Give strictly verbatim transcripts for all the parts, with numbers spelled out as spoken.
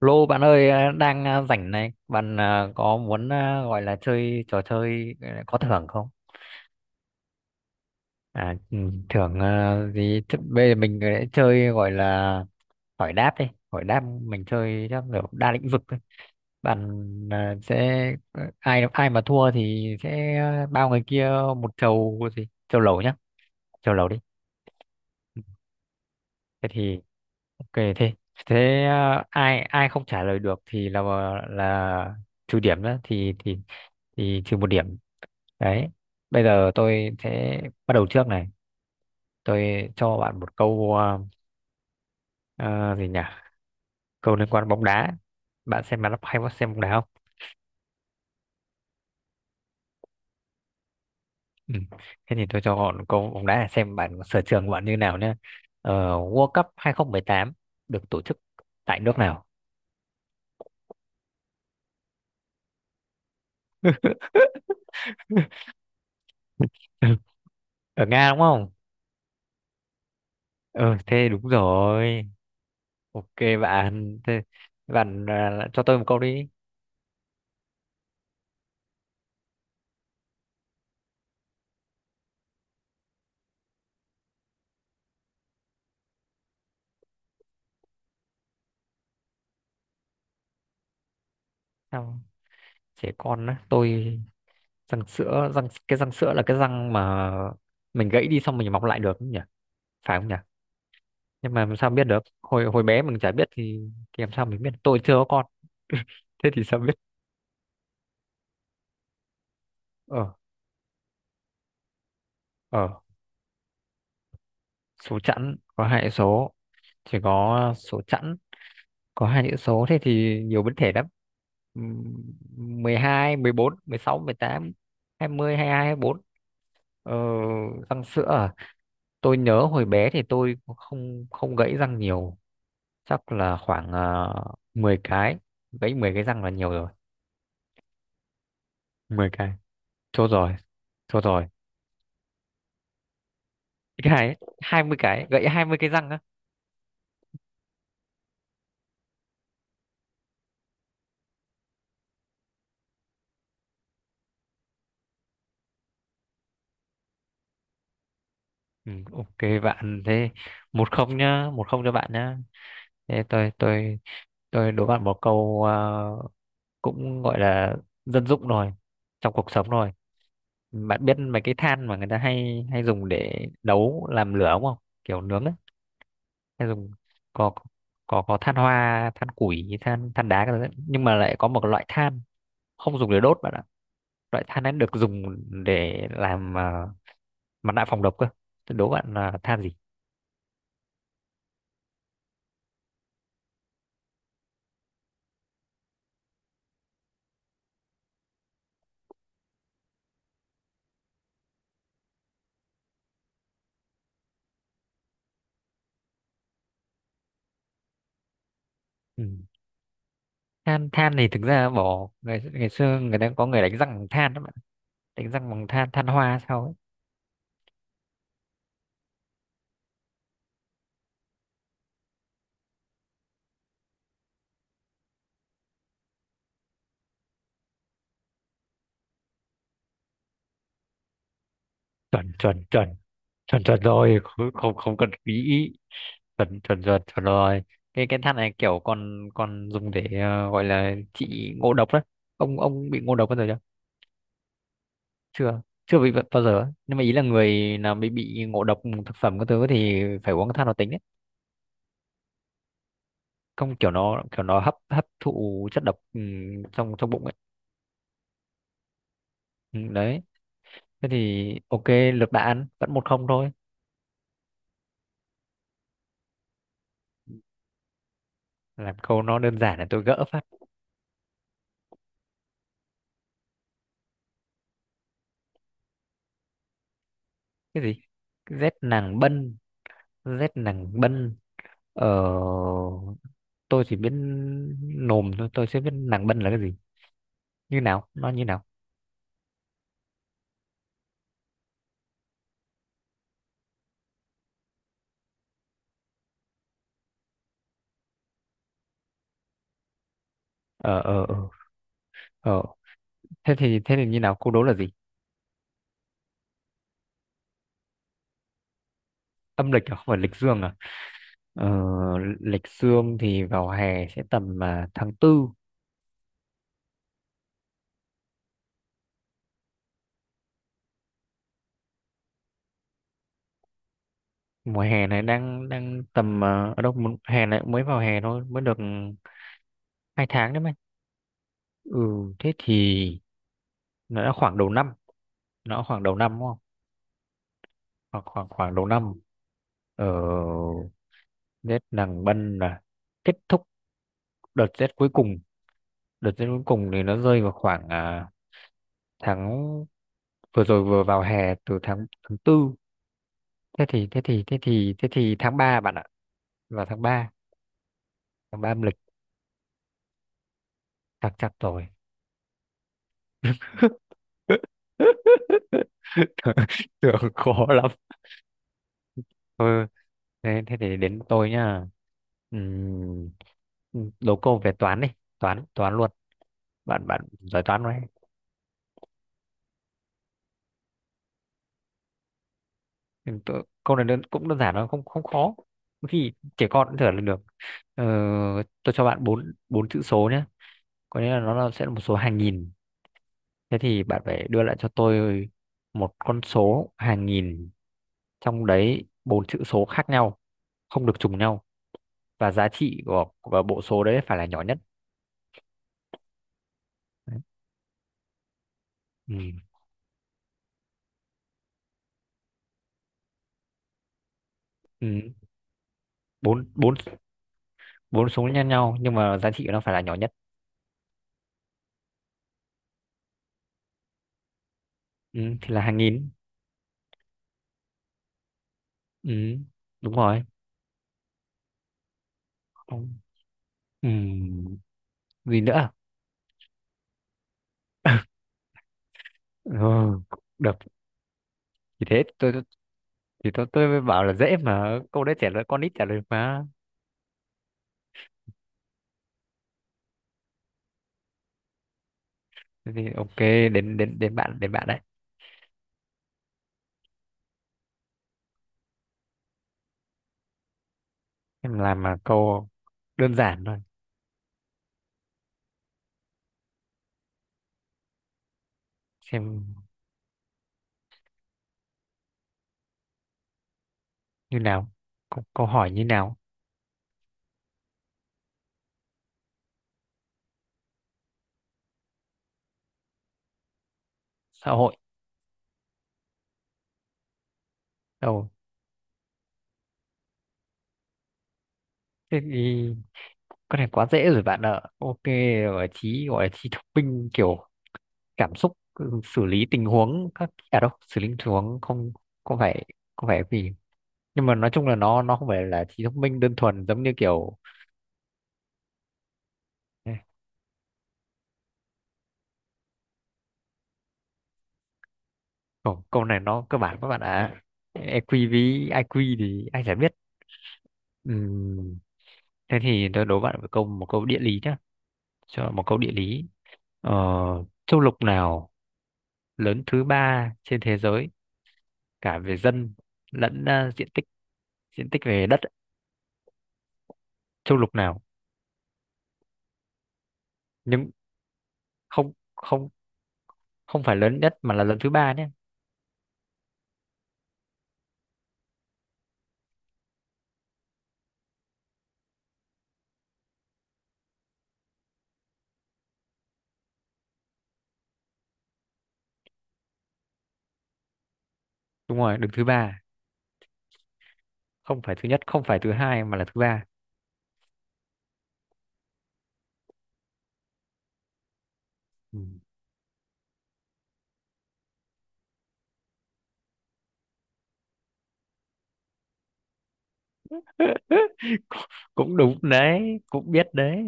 Lô bạn ơi à, đang à, rảnh này bạn à, có muốn à, gọi là chơi trò chơi à, có thưởng không? À, ừ, thưởng à, gì? Thế bây giờ mình lại chơi gọi là hỏi đáp đi, hỏi đáp mình chơi chắc kiểu đa lĩnh vực thôi bạn. à, sẽ ờ, Ai ai mà thua thì sẽ à, bao người kia một chầu gì chầu lẩu nhá, chầu lẩu đi. Ừ, thế thì kệ thế. Thế ờ, ai ai không trả lời được thì là là trừ điểm đó, thì thì thì trừ một điểm đấy. Bây giờ tôi sẽ bắt đầu trước này, tôi cho bạn một câu ờ, ờ, gì nhỉ, câu liên quan bóng đá. Bạn xem bóng đá, hay có xem bóng đá không? Ừ. Thế thì tôi cho bạn câu bóng đá để xem bạn sở trường của bạn như nào nhé. ờ, World Cup hai không một tám được tổ chức tại nước nào? Ở Nga đúng không? Ừ thế đúng rồi. Ok bạn, thế bạn à, cho tôi một câu đi. Sao? Trẻ con á, tôi, răng sữa, răng cái răng sữa là cái răng mà mình gãy đi xong mình mọc lại được không nhỉ? Phải không nhỉ? Nhưng mà làm sao biết được? Hồi hồi bé mình chả biết thì, thì làm sao mình biết? Tôi chưa có con. Thế thì sao biết? Ờ, ờ, Số chẵn có hai chữ số, chỉ có số chẵn có hai chữ số thế thì nhiều biến thể lắm. Ừm, mười hai, mười bốn, mười sáu, mười tám, hai mươi, hai mươi hai, hai mươi bốn. Ờ, răng sữa à? Tôi nhớ hồi bé thì tôi cũng không không gãy răng nhiều, chắc là khoảng uh, mười cái, gãy mười cái răng là nhiều rồi. Mười cái. Chốt rồi, chốt rồi. Cái này hai mươi cái, gãy hai mươi cái răng á. Ừ, ok bạn, thế một không nhá, một không cho bạn nhá. Thế tôi tôi tôi đố bạn một câu ờ, cũng gọi là dân dụng rồi, trong cuộc sống rồi. Bạn biết mấy cái than mà người ta hay hay dùng để nấu làm lửa đúng không? Kiểu nướng ấy. Hay dùng, có có có than hoa, than củi, than than đá các thứ, nhưng mà lại có một loại than không dùng để đốt bạn ạ. Loại than ấy được dùng để làm ờ, mặt nạ phòng độc cơ. Thế đố bạn là than gì? Ừ. than than thì thực ra bỏ, ngày ngày xưa người ta có người đánh răng bằng than đó bạn, đánh răng bằng than, than hoa sao ấy. Chuẩn chuẩn chuẩn chuẩn chuẩn rồi, không không không cần nghĩ, chuẩn chuẩn chuẩn chuẩn rồi. Cái cái than này kiểu còn còn dùng để ờ, gọi là trị ngộ độc đấy. Ông ông bị ngộ độc bao giờ chưa? Chưa, chưa bị bao giờ á. Nhưng mà ý là người nào bị bị ngộ độc thực phẩm các thứ thì phải uống than hoạt tính đấy. Không, kiểu nó, kiểu nó hấp hấp thụ chất độc, ừ, trong trong bụng ấy. Ừ, đấy. Thế thì ok, lược đã ăn vẫn một không thôi. Làm câu nó đơn giản là tôi gỡ phát. Cái gì? Rét nàng bân? Rét nàng bân. Ờ, tôi chỉ biết nồm thôi, tôi chưa biết nàng bân là cái gì. Như nào? Nó như nào? Ờ, ờ, ờ. Ờ. Thế thì thế thì như nào? Câu đố là gì? Âm lịch à? Không phải lịch dương à? Ờ, lịch dương thì vào hè sẽ tầm à, tháng tư. Mùa hè này đang đang tầm à, ở đâu? Mùa- Hè này mới vào hè thôi, mới được hai tháng đấy mày. Ừ, thế thì nó đã khoảng đầu năm, nó đã khoảng đầu năm đúng không? Khoảng khoảng khoảng đầu năm. Ờ, Tết nàng bân là kết thúc đợt rét cuối cùng, đợt rét cuối cùng thì nó rơi vào khoảng à, tháng, vừa rồi vừa vào hè từ tháng tháng tư. Thế thì thế thì thế thì thế thì tháng ba bạn ạ, vào tháng ba. Tháng ba âm lịch. Chắc chắn rồi. Tưởng khó lắm. Ừ. Thế, thế thì đến tôi nhá. Ừm, đố câu về toán đi, toán toán luôn. Bạn bạn giỏi toán không? Ừ, tôi, câu này đơn, cũng đơn giản, nó không không khó, thì trẻ con cũng thở là được. Ờ, tôi cho bạn bốn bốn chữ số nhé, có nghĩa là nó là, sẽ là một số hàng nghìn. Thế thì bạn phải đưa lại cho tôi một con số hàng nghìn, trong đấy bốn chữ số khác nhau, không được trùng nhau, và giá trị của, của bộ số đấy phải là nhỏ nhất. Đấy. Ừ. Ừ. bốn bốn bốn số nhân nhau nhưng mà giá trị của nó phải là nhỏ nhất. Ừ. Thì là hàng nghìn. Ừ. Đúng rồi. Không. Ừ. Gì nữa? Ừ, được. Thì thế tôi tôi- thì tôi tôi mới bảo là dễ mà, câu đấy trả lời con nít trả lời mà. Thế thì ok, đến đến đến bạn đến bạn đấy. Em làm mà câu đơn giản thôi. Xem như nào, câu, câu hỏi như nào? Xã hội. Đâu? Thế thì con này quá dễ rồi bạn ạ, ok. Gọi là trí, gọi là trí thông minh kiểu cảm xúc, ừ, xử lý tình huống các à đâu, xử lý tình huống không? Không phải, không phải vì, nhưng mà nói chung là nó nó không phải là trí thông minh đơn thuần giống như kiểu. Câu, câu này nó cơ bản các bạn ạ. e quy với i quy thì anh sẽ biết. Ừm, Thế thì tôi đố bạn một câu, một câu địa lý nhá. Cho một câu địa lý. Ờ, châu lục nào lớn thứ ba trên thế giới, cả về dân lẫn à, diện tích, diện tích về đất ấy. Châu lục nào? Nhưng không, không, không phải lớn nhất mà là lớn thứ ba nhé. Đúng rồi, đứng thứ ba, không phải thứ nhất, không phải thứ hai mà là thứ ba. Ừm. Cũng, cũng đúng đấy, cũng biết đấy,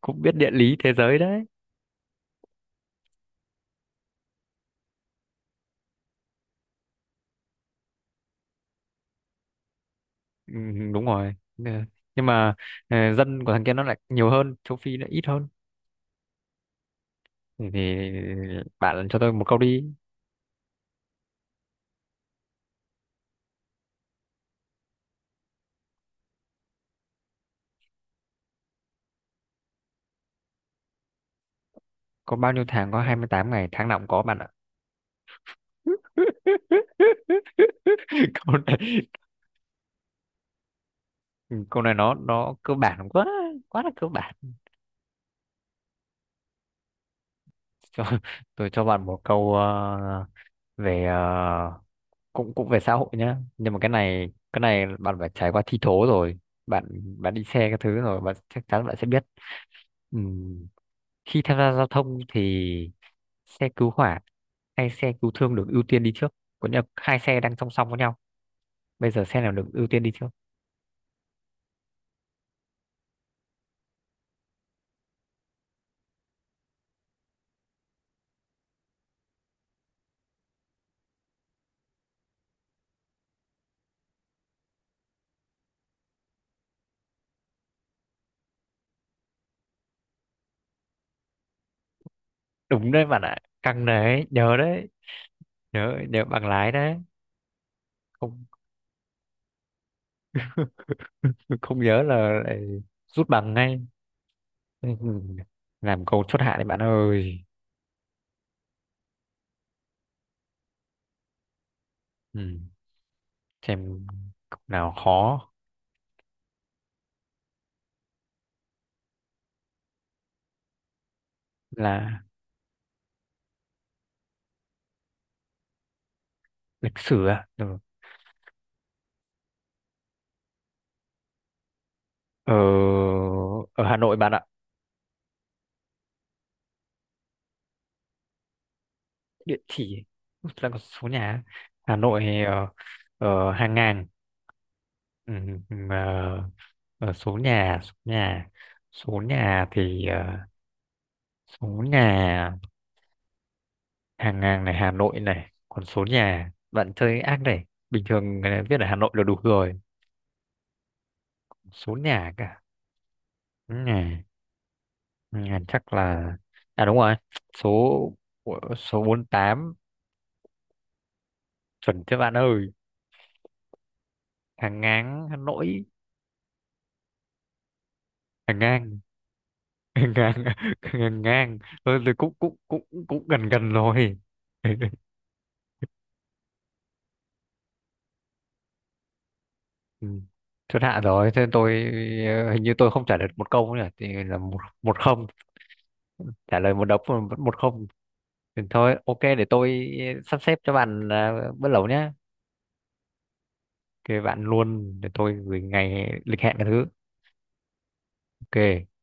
cũng biết địa lý thế giới đấy. Ừ, đúng rồi. Ừ. Nhưng mà ờ, dân của thằng kia nó lại nhiều hơn, châu Phi nó ít hơn. Thì, thì bạn cho tôi một câu đi. Có bao nhiêu tháng có hai mươi tám ngày? Tháng nào cũng có bạn ạ. Câu này, câu này nó nó cơ bản quá, quá là cơ bản. Cho, tôi cho bạn một câu ờ, về ờ, cũng cũng về xã hội nhá, nhưng mà cái này cái này bạn phải trải qua thi thố rồi. Bạn bạn đi xe cái thứ rồi bạn chắc chắn bạn sẽ biết. Ừ. Khi tham gia giao thông thì xe cứu hỏa hay xe cứu thương được ưu tiên đi trước? Có nghĩa là hai xe đang song song với nhau, bây giờ xe nào được ưu tiên đi trước? Đúng đấy bạn ạ. Căng đấy, nhớ đấy, nhớ nhớ bằng lái đấy. Không không nhớ là lại rút bằng ngay. Ừ, làm câu chốt hạ đấy bạn ơi. Ừ. Xem câu nào khó. Là lịch sử à? Ừ. Ở, ở Hà Nội bạn ạ. Địa chỉ là có số nhà, Hà Nội ờ, ờ, hàng ngàn, ừ, ừ, ờ, ờ, số nhà số nhà số nhà thì ờ, số nhà, hàng ngàn này, Hà Nội này, còn số nhà bạn chơi ác này. Bình thường ờ, viết ở Hà Nội là đủ rồi, số nhà cả nhà, nhà chắc là, à đúng rồi, số, số bốn tám, chuẩn chứ bạn ơi? Hàng ngang Hà Nội. Hàng ngang ngang, ngang ngang ngang. Thôi thì cũng cũng cũng cũng gần gần rồi. Ừ, chốt hạ rồi thế tôi ờ, hình như tôi không trả lời một câu nữa nhỉ? Thì là một, một không, trả lời một đống mà vẫn một không. Thì thôi ok, để tôi sắp xếp cho bạn ờ, bữa lẩu nhé. Thì bạn luôn, để tôi gửi ngày lịch hẹn cái thứ. Ok